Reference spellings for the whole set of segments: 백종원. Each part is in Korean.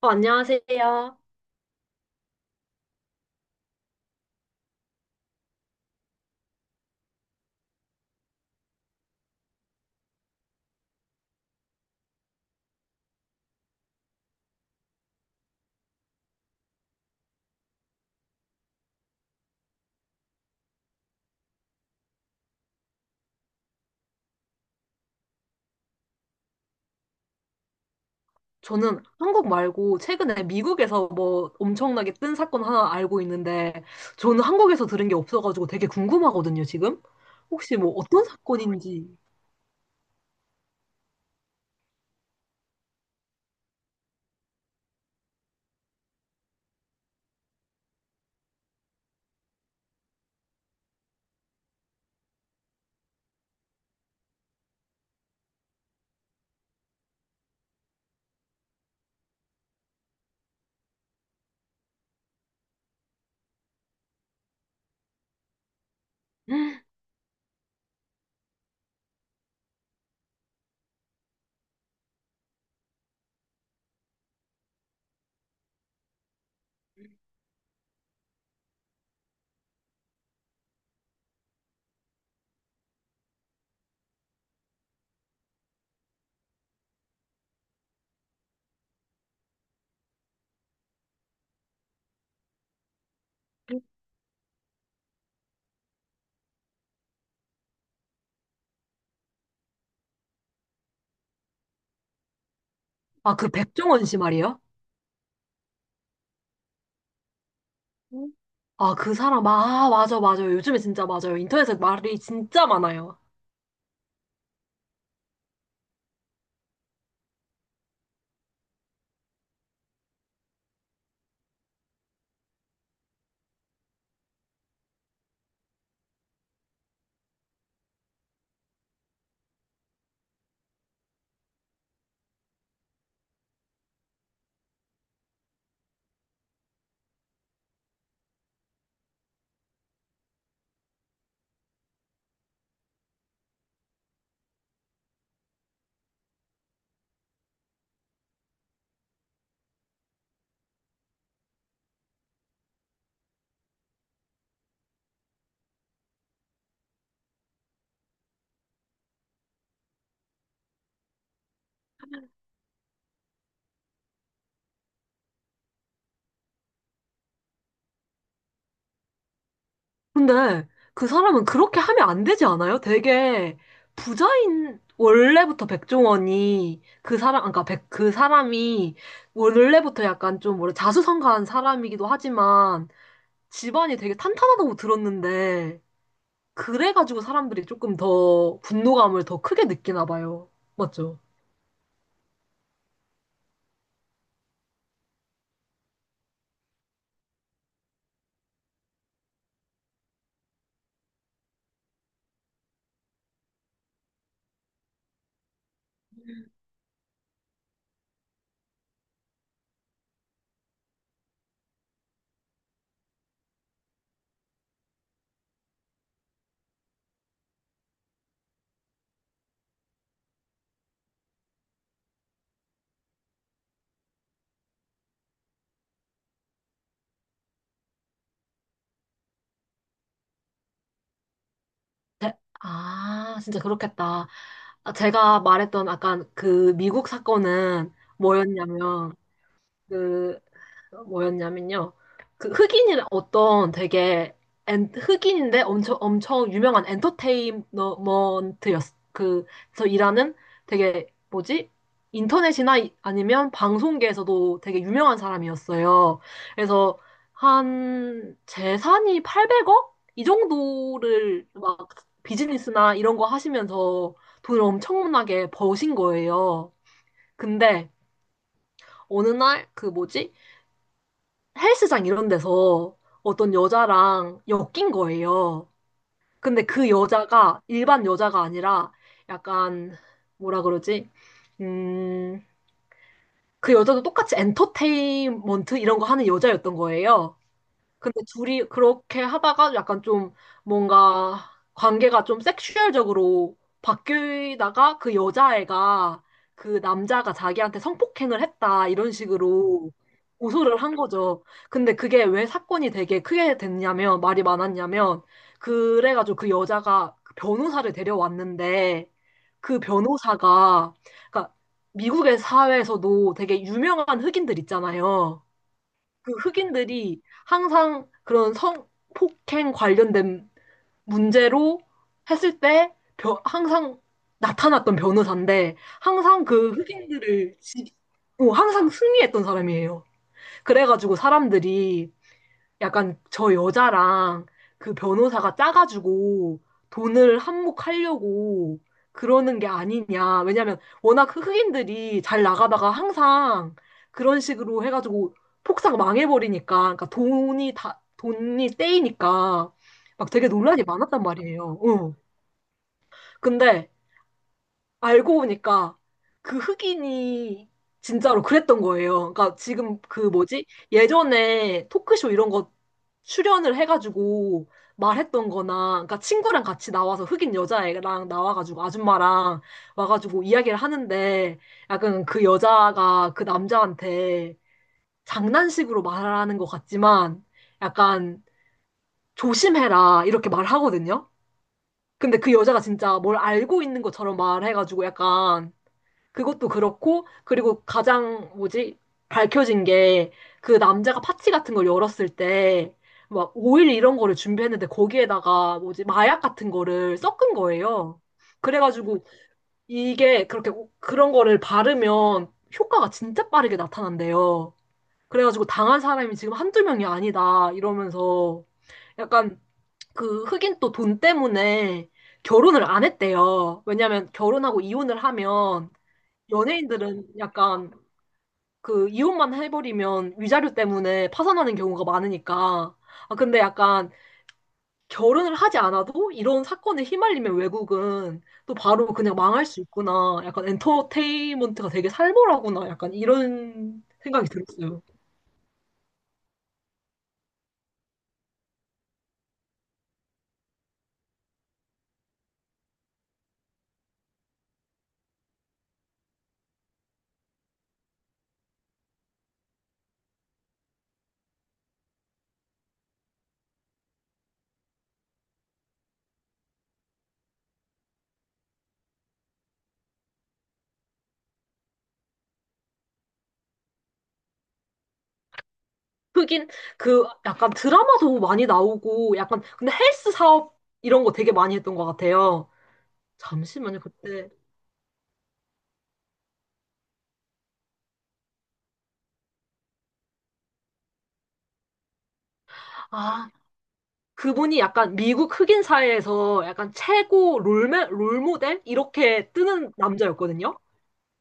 안녕하세요. 저는 한국 말고 최근에 미국에서 뭐 엄청나게 뜬 사건 하나 알고 있는데 저는 한국에서 들은 게 없어가지고 되게 궁금하거든요, 지금. 혹시 뭐 어떤 사건인지. 아, 그 백종원 씨 말이에요? 아, 그 사람, 아, 맞아, 맞아요. 요즘에 진짜 맞아요. 인터넷에 말이 진짜 많아요. 근데 그 사람은 그렇게 하면 안 되지 않아요? 되게 부자인 원래부터 백종원이 그 사람 그러니까 백, 그 사람이 원래부터 약간 좀 뭐래 자수성가한 사람이기도 하지만 집안이 되게 탄탄하다고 들었는데 그래가지고 사람들이 조금 더 분노감을 더 크게 느끼나 봐요. 맞죠? 제- 아, 진짜 그렇겠다. 아, 제가 말했던 아까 그 미국 사건은 뭐였냐면 그 뭐였냐면요. 그 흑인이 어떤 되게 엔, 흑인인데 엄청 엄청 유명한 엔터테인먼트였 그서 일하는 되게 뭐지? 인터넷이나 이- 아니면 방송계에서도 되게 유명한 사람이었어요. 그래서 한 재산이 800억 이 정도를 막 비즈니스나 이런 거 하시면서 돈을 엄청나게 버신 거예요. 근데 어느 날 그 뭐지? 헬스장 이런 데서 어떤 여자랑 엮인 거예요. 근데 그 여자가 일반 여자가 아니라 약간 뭐라 그러지? 음, 그 여자도 똑같이 엔터테인먼트 이런 거 하는 여자였던 거예요. 근데 둘이 그렇게 하다가 약간 좀 뭔가 관계가 좀 섹슈얼적으로 바뀌다가 그 여자애가 그 남자가 자기한테 성폭행을 했다 이런 식으로 고소를 한 거죠. 근데 그게 왜 사건이 되게 크게 됐냐면 말이 많았냐면 그래가지고 그 여자가 그 변호사를 데려왔는데 그 변호사가 그러니까 미국의 사회에서도 되게 유명한 흑인들 있잖아요. 그 흑인들이 항상 그런 성폭행 관련된 문제로 했을 때 벼- 항상 나타났던 변호사인데 항상 그 흑인들을 지- 어, 항상 승리했던 사람이에요. 그래가지고 사람들이 약간 저 여자랑 그 변호사가 짜가지고 돈을 한몫하려고 그러는 게 아니냐. 왜냐면 워낙 흑인들이 잘 나가다가 항상 그런 식으로 해가지고 폭삭 망해버리니까. 그러니까 돈이 다, 돈이 떼이니까 막 되게 논란이 많았단 말이에요. 응. 근데 알고 보니까 그 흑인이 진짜로 그랬던 거예요. 그러니까 지금 그 뭐지? 예전에 토크쇼 이런 거 출연을 해가지고 말했던 거나, 그러니까 친구랑 같이 나와서 흑인 여자애랑 나와가지고 아줌마랑 와가지고 이야기를 하는데 약간 그 여자가 그 남자한테 장난식으로 말하는 것 같지만 약간 조심해라 이렇게 말하거든요. 근데 그 여자가 진짜 뭘 알고 있는 것처럼 말해가지고 약간 그것도 그렇고, 그리고 가장 뭐지? 밝혀진 게 그 남자가 파티 같은 걸 열었을 때 막 오일 이런 거를 준비했는데 거기에다가 뭐지? 마약 같은 거를 섞은 거예요. 그래가지고 이게 그렇게 오- 그런 거를 바르면 효과가 진짜 빠르게 나타난대요. 그래가지고 당한 사람이 지금 한두 명이 아니다 이러면서 약간 그 흑인 또 돈 때문에 결혼을 안 했대요. 왜냐면 결혼하고 이혼을 하면 연예인들은 약간 그 이혼만 해버리면 위자료 때문에 파산하는 경우가 많으니까. 아, 근데 약간 결혼을 하지 않아도 이런 사건에 휘말리면 외국은 또 바로 그냥 망할 수 있구나. 약간 엔터테인먼트가 되게 살벌하구나. 약간 이런 생각이 들었어요. 흑인 그 약간 드라마도 많이 나오고 약간 근데 헬스 사업 이런 거 되게 많이 했던 것 같아요. 잠시만요. 그때 아 그분이 약간 미국 흑인 사회에서 약간 최고 롤메, 롤모델? 이렇게 뜨는 남자였거든요.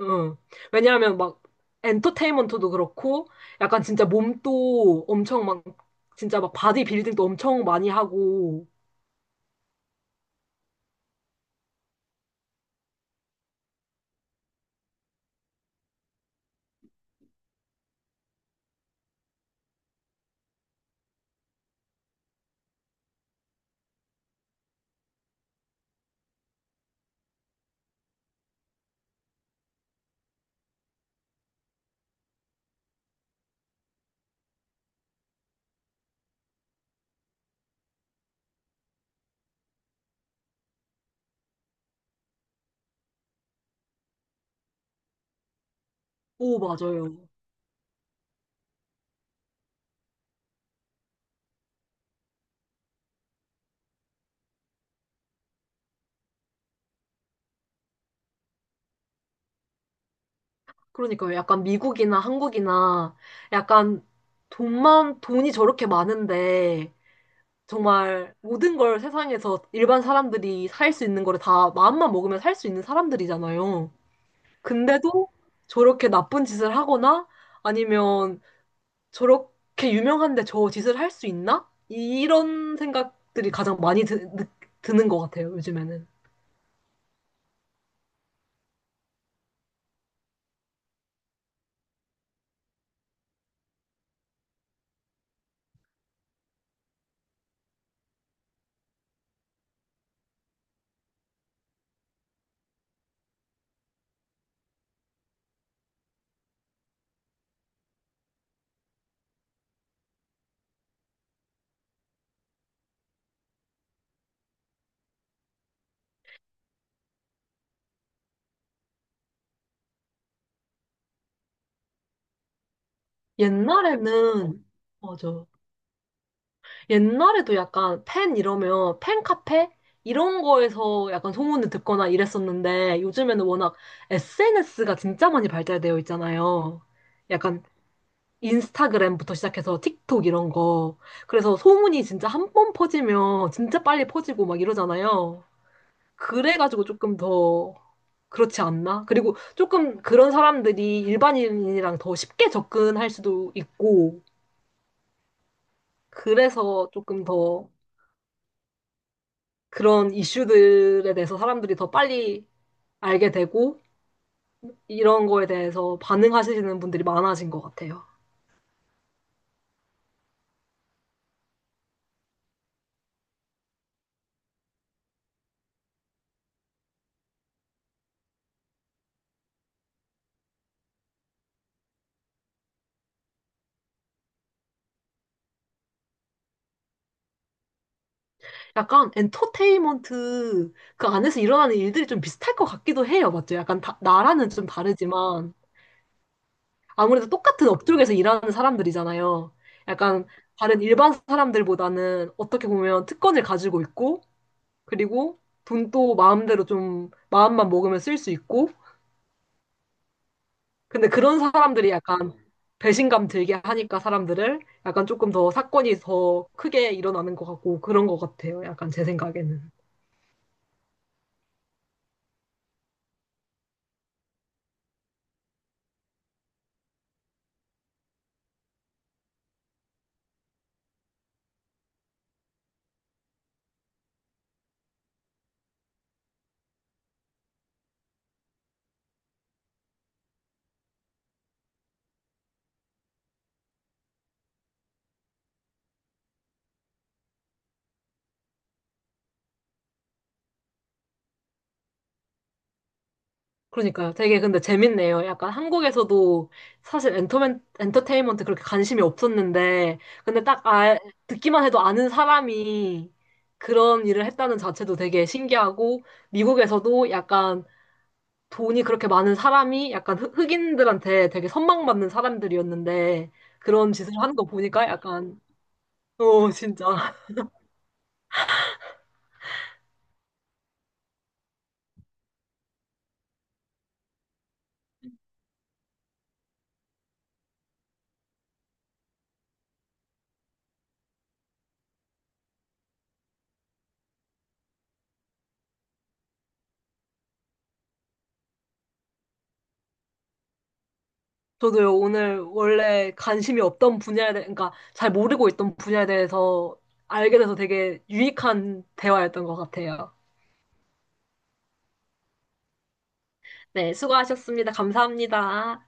응. 왜냐하면 막 엔터테인먼트도 그렇고 약간 진짜 몸도 엄청 막 진짜 막 바디 빌딩도 엄청 많이 하고 오, 맞아요. 그러니까요. 약간 미국이나 한국이나 약간 돈만, 돈이 저렇게 많은데 정말 모든 걸 세상에서 일반 사람들이 살 수 있는 거를 다 마음만 먹으면 살 수 있는 사람들이잖아요. 근데도 저렇게 나쁜 짓을 하거나 아니면 저렇게 유명한데 저 짓을 할 수 있나? 이런 생각들이 가장 많이 드, 느- 드는 것 같아요, 요즘에는. 옛날에는, 맞아. 옛날에도 약간 팬 이러면 팬카페? 이런 거에서 약간 소문을 듣거나 이랬었는데 요즘에는 워낙 SNS가 진짜 많이 발달되어 있잖아요. 약간 인스타그램부터 시작해서 틱톡 이런 거. 그래서 소문이 진짜 한 번 퍼지면 진짜 빨리 퍼지고 막 이러잖아요. 그래가지고 조금 더 그렇지 않나? 그리고 조금 그런 사람들이 일반인이랑 더 쉽게 접근할 수도 있고, 그래서 조금 더 그런 이슈들에 대해서 사람들이 더 빨리 알게 되고, 이런 거에 대해서 반응하시는 분들이 많아진 것 같아요. 약간 엔터테인먼트 그 안에서 일어나는 일들이 좀 비슷할 것 같기도 해요. 맞죠? 약간 다- 나라는 좀 다르지만 아무래도 똑같은 업종에서 일하는 사람들이잖아요. 약간 다른 일반 사람들보다는 어떻게 보면 특권을 가지고 있고 그리고 돈도 마음대로 좀 마음만 먹으면 쓸 수 있고 근데 그런 사람들이 약간 배신감 들게 하니까 사람들을 약간 조금 더 사건이 더 크게 일어나는 것 같고 그런 것 같아요. 약간 제 생각에는. 그러니까요. 되게 근데 재밌네요. 약간 한국에서도 사실 엔터맨, 엔터테인먼트 그렇게 관심이 없었는데, 근데 딱 아, 듣기만 해도 아는 사람이 그런 일을 했다는 자체도 되게 신기하고, 미국에서도 약간 돈이 그렇게 많은 사람이 약간 흑, 흑인들한테 되게 선망받는 사람들이었는데, 그런 짓을 하는 거 보니까 약간, 어, 진짜. 저도요, 오늘 원래 관심이 없던 분야에 대해, 그러니까 잘 모르고 있던 분야에 대해서 알게 돼서 되게 유익한 대화였던 것 같아요. 네, 수고하셨습니다. 감사합니다.